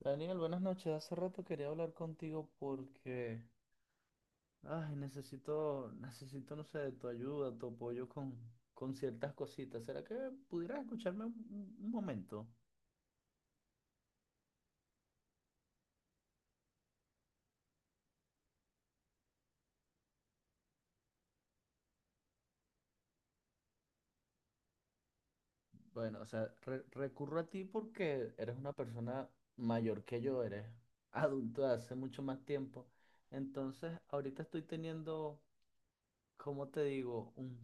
Daniel, buenas noches. Hace rato quería hablar contigo porque, ay, necesito, no sé, de tu ayuda, tu apoyo con ciertas cositas. ¿Será que pudieras escucharme un momento? Bueno, o sea, recurro a ti porque eres una persona mayor que yo, eres adulto de hace mucho más tiempo. Entonces, ahorita estoy teniendo, ¿cómo te digo? Un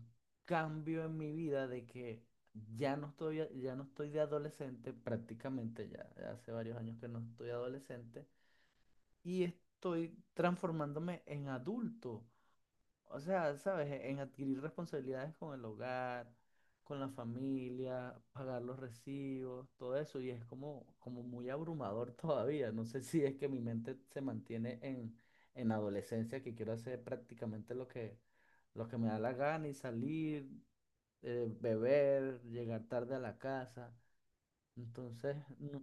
cambio en mi vida de que ya no ya no estoy de adolescente, prácticamente ya hace varios años que no estoy adolescente, y estoy transformándome en adulto. O sea, ¿sabes? En adquirir responsabilidades con el hogar, con la familia, pagar los recibos, todo eso. Y es como muy abrumador todavía. No sé si es que mi mente se mantiene en adolescencia, que quiero hacer prácticamente lo lo que me da la gana y salir, beber, llegar tarde a la casa. Entonces,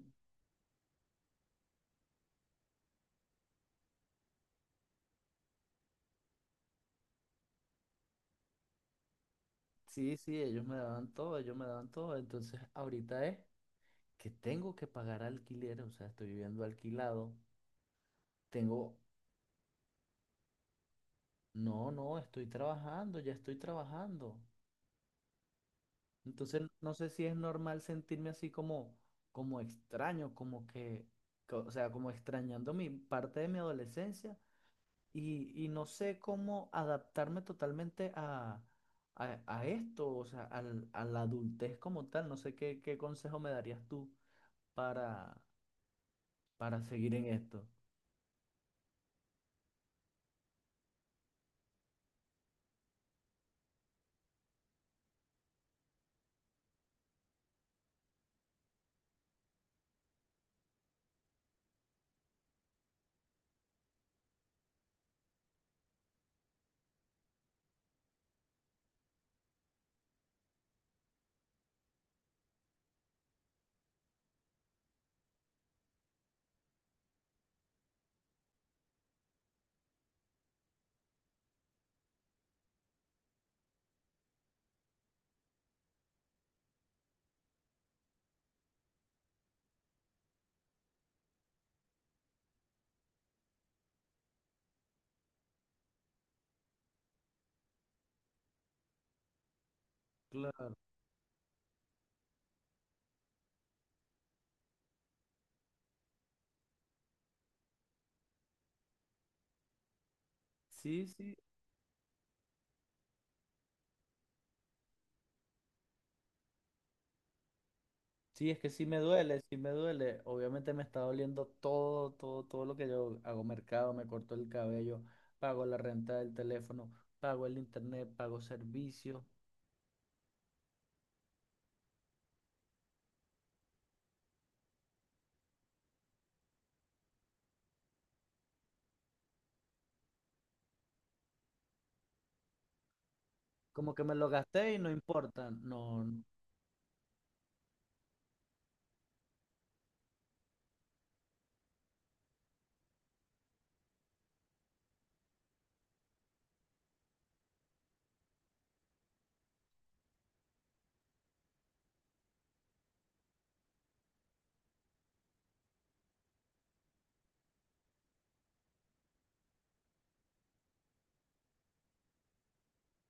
sí, sí, ellos me daban todo, ellos me daban todo. Entonces, ahorita es que tengo que pagar alquiler, o sea, estoy viviendo alquilado. Tengo, no, no, estoy trabajando, ya estoy trabajando. Entonces, no sé si es normal sentirme así como, como extraño, como que, o sea, como extrañando mi parte de mi adolescencia y no sé cómo adaptarme totalmente a esto, o sea, a la adultez como tal. No sé qué consejo me darías tú para, para seguir en esto. Claro. Sí, sí. Sí, es que sí me duele, sí me duele. Obviamente me está doliendo todo lo que yo hago mercado, me corto el cabello, pago la renta del teléfono, pago el internet, pago servicios. Como que me lo gasté y no importa. No, no.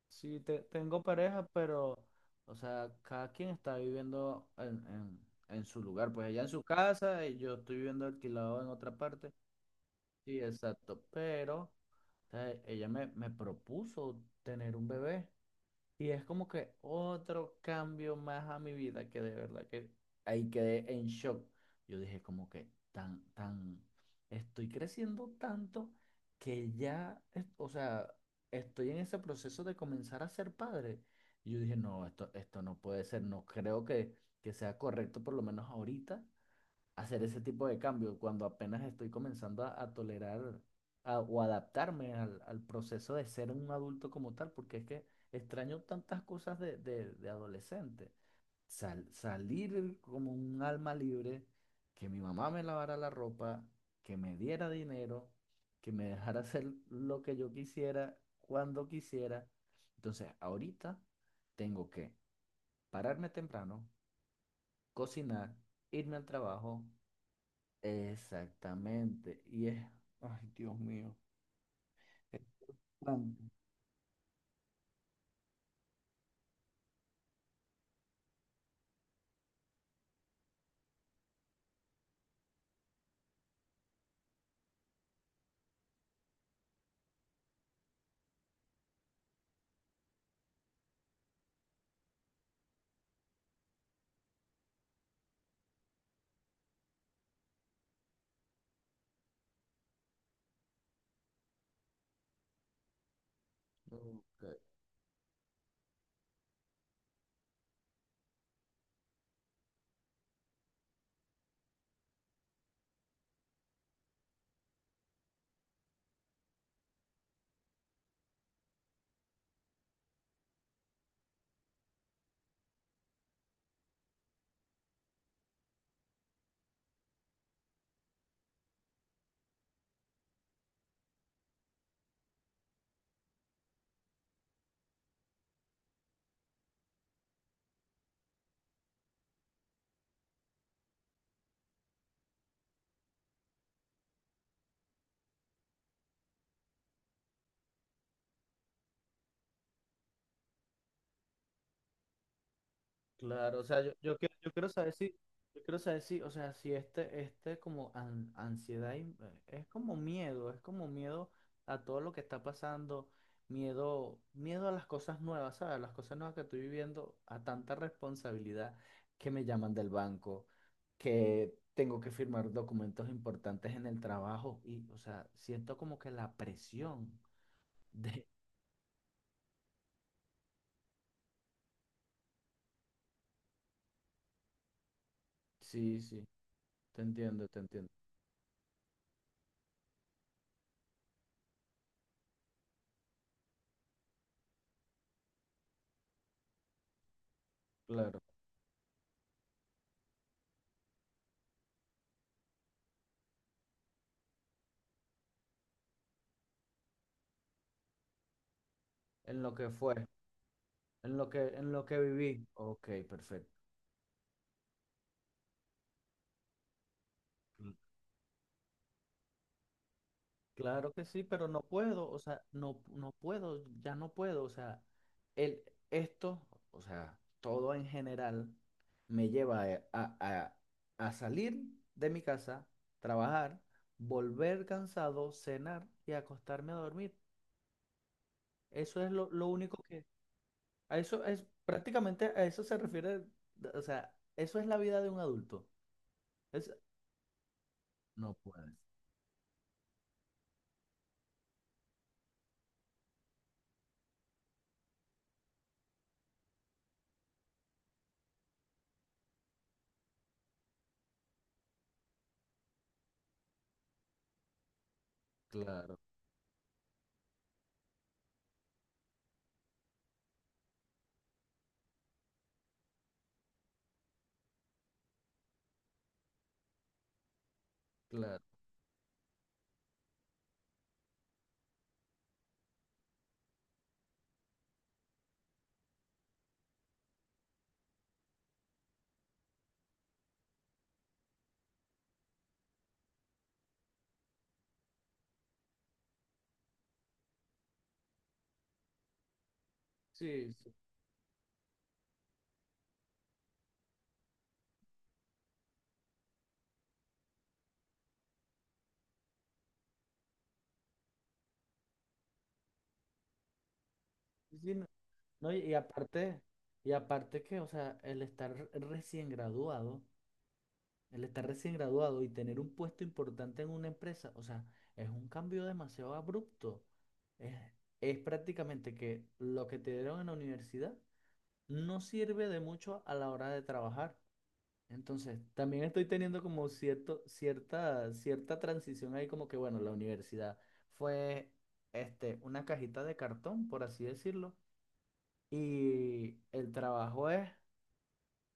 Sí, tengo pareja, pero, o sea, cada quien está viviendo en su lugar. Pues ella en su casa y yo estoy viviendo alquilado en otra parte. Sí, exacto. Pero, o sea, ella me propuso tener un bebé. Y es como que otro cambio más a mi vida, que de verdad que ahí quedé en shock. Yo dije como que estoy creciendo tanto que ya, o sea, estoy en ese proceso de comenzar a ser padre. Y yo dije, no, esto no puede ser, no creo que sea correcto, por lo menos ahorita, hacer ese tipo de cambios cuando apenas estoy comenzando a tolerar o adaptarme al proceso de ser un adulto como tal, porque es que extraño tantas cosas de adolescente. Salir como un alma libre, que mi mamá me lavara la ropa, que me diera dinero, que me dejara hacer lo que yo quisiera, cuando quisiera. Entonces, ahorita tengo que pararme temprano, cocinar, irme al trabajo. Exactamente. Y es, ay, Dios mío, es tanto. Ok, claro, o sea, yo quiero saber si, yo quiero saber si, o sea, si este como ansiedad es como miedo a todo lo que está pasando, miedo a las cosas nuevas, ¿sabes? Las cosas nuevas que estoy viviendo, a tanta responsabilidad, que me llaman del banco, que tengo que firmar documentos importantes en el trabajo y, o sea, siento como que la presión. De- Sí, sí, te entiendo, te entiendo. Claro, en lo que fue, en lo en lo que viví. Ok, perfecto. Mm. Claro que sí, pero no puedo, o sea, no, no puedo, ya no puedo, o sea, el, esto, o sea, todo en general me lleva a- a- a salir de mi casa, trabajar, volver cansado, cenar y acostarme a dormir. Eso es lo único. A eso es prácticamente a eso se refiere, o sea, eso es la vida de un adulto. Es, no puedes. Claro, claro. Sí, sí, sí, no, no, y aparte que, o sea, el estar recién graduado, el estar recién graduado y tener un puesto importante en una empresa, o sea, es un cambio demasiado abrupto. Es, es prácticamente que lo que te dieron en la universidad no sirve de mucho a la hora de trabajar. Entonces, también estoy teniendo como cierta transición ahí, como que bueno, la universidad fue este, una cajita de cartón, por así decirlo, y el trabajo es,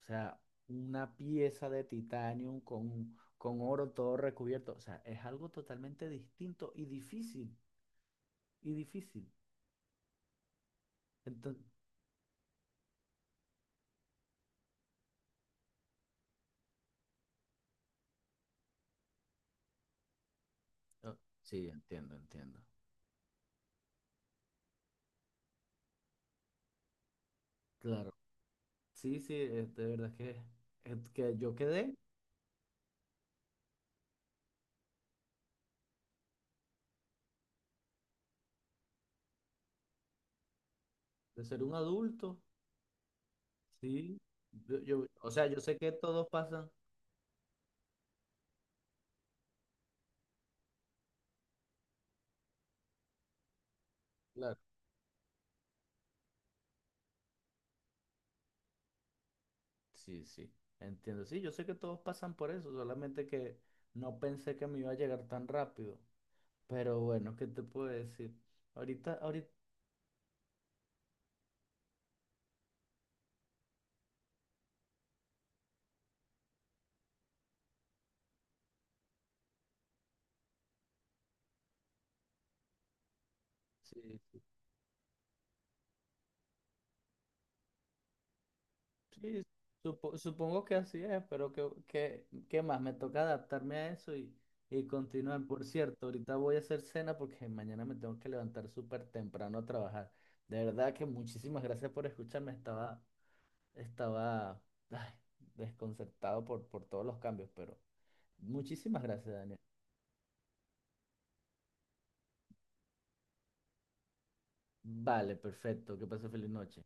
o sea, una pieza de titanio con oro todo recubierto, o sea, es algo totalmente distinto y difícil. Entonces, oh, sí, entiendo, entiendo. Claro, sí, sí, de verdad que, es que yo quedé de ser un adulto. Sí, o sea, yo sé que todos pasan, claro, sí, sí, entiendo, sí, yo sé que todos pasan por eso, solamente que no pensé que me iba a llegar tan rápido, pero bueno, ¿qué te puedo decir? Ahorita, ahorita, sí, sí, sí, supongo que así es, pero ¿qué, qué más? Me toca adaptarme a eso y continuar. Por cierto, ahorita voy a hacer cena porque mañana me tengo que levantar súper temprano a trabajar. De verdad que muchísimas gracias por escucharme, estaba. Estaba, ay, desconcertado por todos los cambios, pero muchísimas gracias, Daniel. Vale, perfecto. Que pase feliz noche.